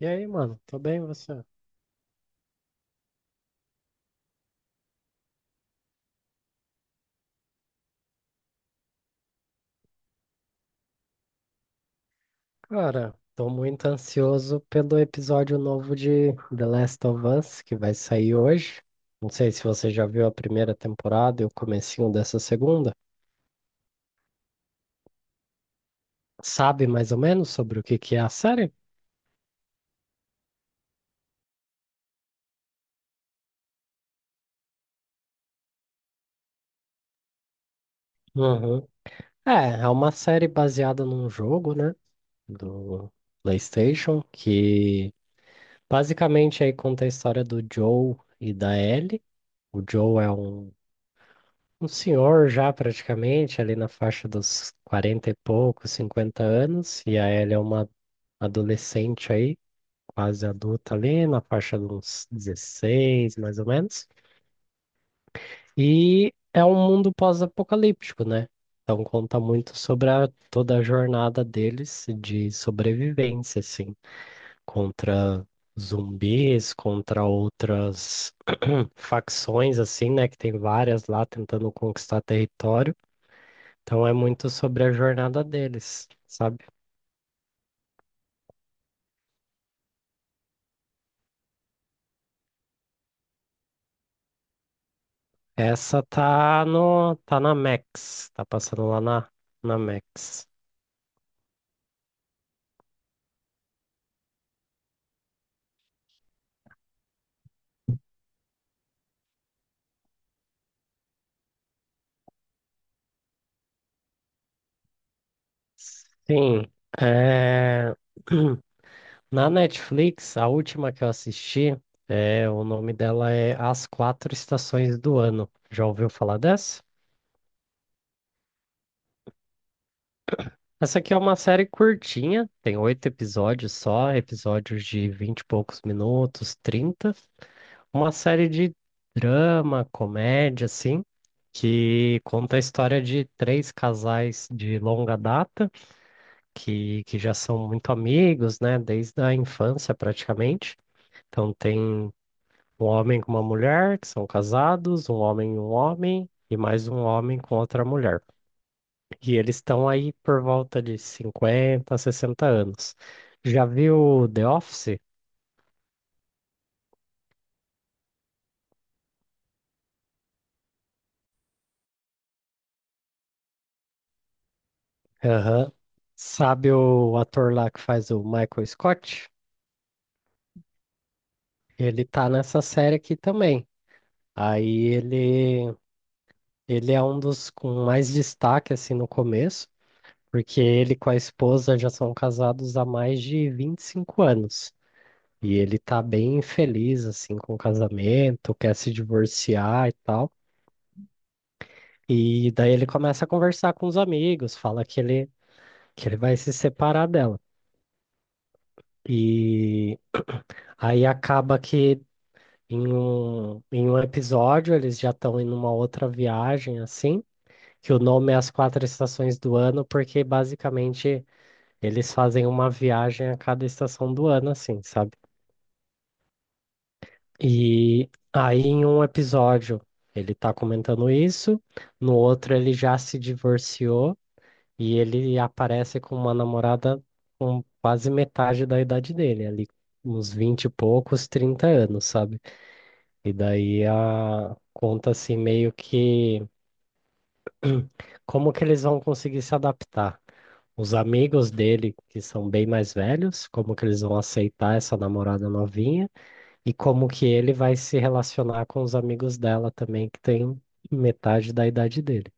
E aí, mano, tô bem você? Cara, tô muito ansioso pelo episódio novo de The Last of Us que vai sair hoje. Não sei se você já viu a primeira temporada e o comecinho dessa segunda. Sabe mais ou menos sobre o que que é a série? Uhum. É, é uma série baseada num jogo, né, do PlayStation, que basicamente aí conta a história do Joe e da Ellie. O Joe é um senhor já praticamente, ali na faixa dos 40 e poucos 50 anos, e a Ellie é uma adolescente aí, quase adulta ali, na faixa dos 16 mais ou menos. E é um mundo pós-apocalíptico, né? Então conta muito sobre toda a jornada deles de sobrevivência, assim, contra zumbis, contra outras facções, assim, né? Que tem várias lá tentando conquistar território. Então é muito sobre a jornada deles, sabe? Essa tá no, tá na Max, tá passando lá na Max. Sim, é, na Netflix, a última que eu assisti, é, o nome dela é As Quatro Estações do Ano. Já ouviu falar dessa? Essa aqui é uma série curtinha, tem 8 episódios só, episódios de 20 e poucos minutos, 30. Uma série de drama, comédia, assim, que conta a história de três casais de longa data, que já são muito amigos, né, desde a infância praticamente. Então tem um homem com uma mulher, que são casados, um homem, e mais um homem com outra mulher. E eles estão aí por volta de 50 60 anos. Já viu The Office? Aham. Sabe o ator lá que faz o Michael Scott? Ele tá nessa série aqui também. Aí ele é um dos com mais destaque assim no começo, porque ele com a esposa já são casados há mais de 25 anos. E ele tá bem infeliz assim com o casamento, quer se divorciar e tal. E daí ele começa a conversar com os amigos, fala que ele vai se separar dela. E aí acaba que em um episódio eles já estão em uma outra viagem assim, que o nome é As Quatro Estações do Ano, porque basicamente eles fazem uma viagem a cada estação do ano, assim, sabe? E aí em um episódio ele tá comentando isso, no outro ele já se divorciou e ele aparece com uma namorada com quase metade da idade dele, ali uns 20 e poucos, 30 anos, sabe? E daí a conta assim meio que como que eles vão conseguir se adaptar. Os amigos dele, que são bem mais velhos, como que eles vão aceitar essa namorada novinha e como que ele vai se relacionar com os amigos dela também, que tem metade da idade dele.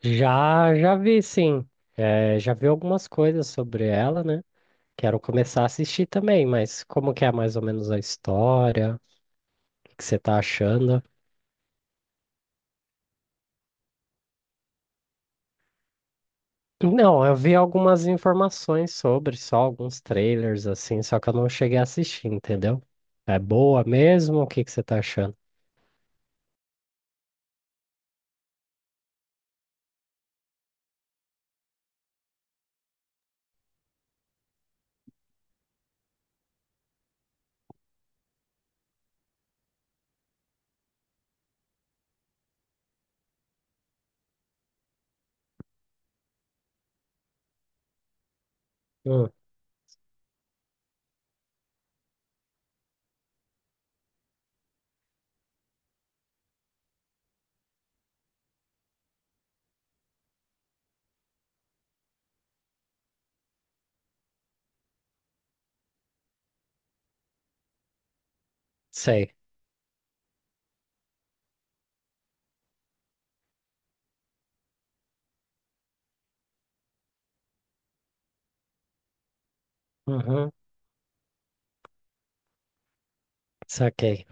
Já, já vi, sim. É, já vi algumas coisas sobre ela, né? Quero começar a assistir também, mas como que é mais ou menos a história? O que que você tá achando? Não, eu vi algumas informações sobre, só alguns trailers assim, só que eu não cheguei a assistir, entendeu? É boa mesmo? O que que você tá achando? Hum, Sei. Uhum, saquei.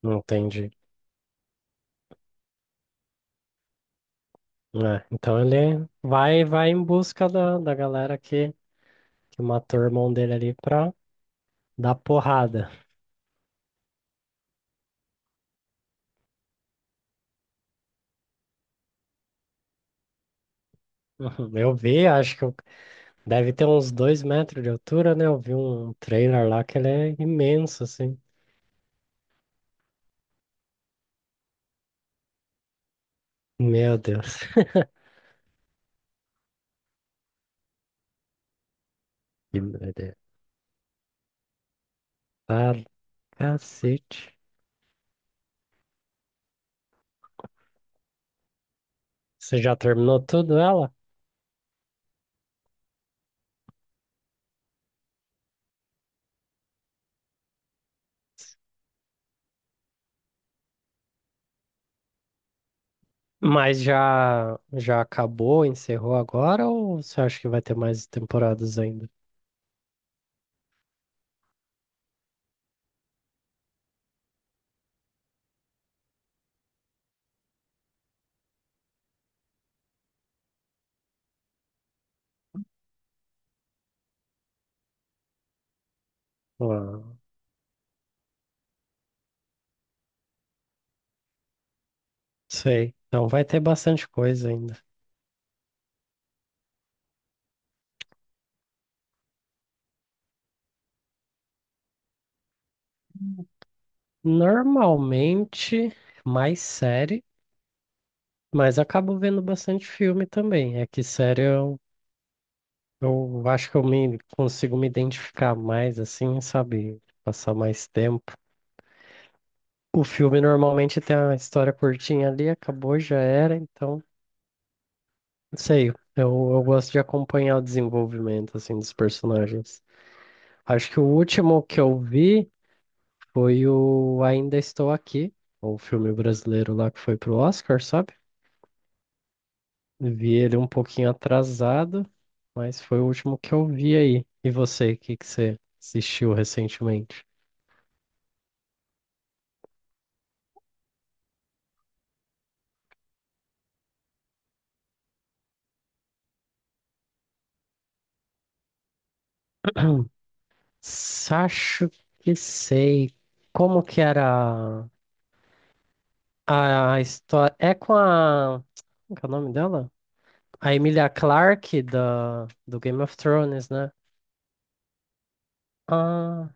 Não entendi. É, então ele vai em busca da galera que matou o irmão dele ali pra dar porrada. Uhum, eu vi, acho que deve ter uns 2 metros de altura, né? Eu vi um trailer lá que ele é imenso, assim. Meu Deus. Que doideira. Cacete. Você já terminou tudo ela? Mas já já acabou, encerrou agora ou você acha que vai ter mais temporadas ainda? Ah, sei. Então vai ter bastante coisa ainda. Normalmente mais série, mas acabo vendo bastante filme também. É que série eu acho que eu me consigo me identificar mais assim, sabe? Passar mais tempo. O filme normalmente tem uma história curtinha ali, acabou, já era, então. Sei, eu gosto de acompanhar o desenvolvimento assim dos personagens. Acho que o último que eu vi foi o Ainda Estou Aqui, o filme brasileiro lá que foi pro Oscar, sabe? Vi ele um pouquinho atrasado, mas foi o último que eu vi aí. E você, o que que você assistiu recentemente? Sacho que sei. Como que era a história? É com a. Como que é o nome dela? A Emilia Clarke do Game of Thrones, né? Ah,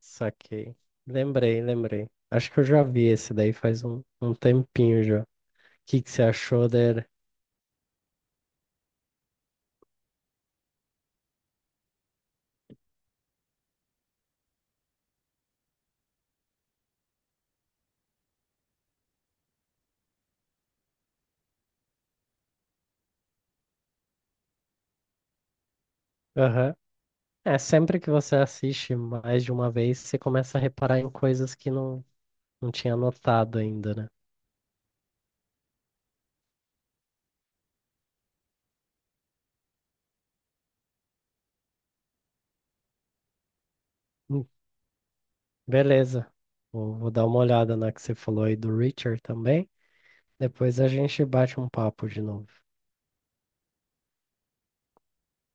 saquei. Lembrei, lembrei. Acho que eu já vi esse daí faz um tempinho já. O que que você achou dele? Aham. É, sempre que você assiste mais de uma vez, você começa a reparar em coisas que não tinha notado ainda, né? Hum, Beleza. Vou dar uma olhada na que você falou aí do Richard também. Depois a gente bate um papo de novo.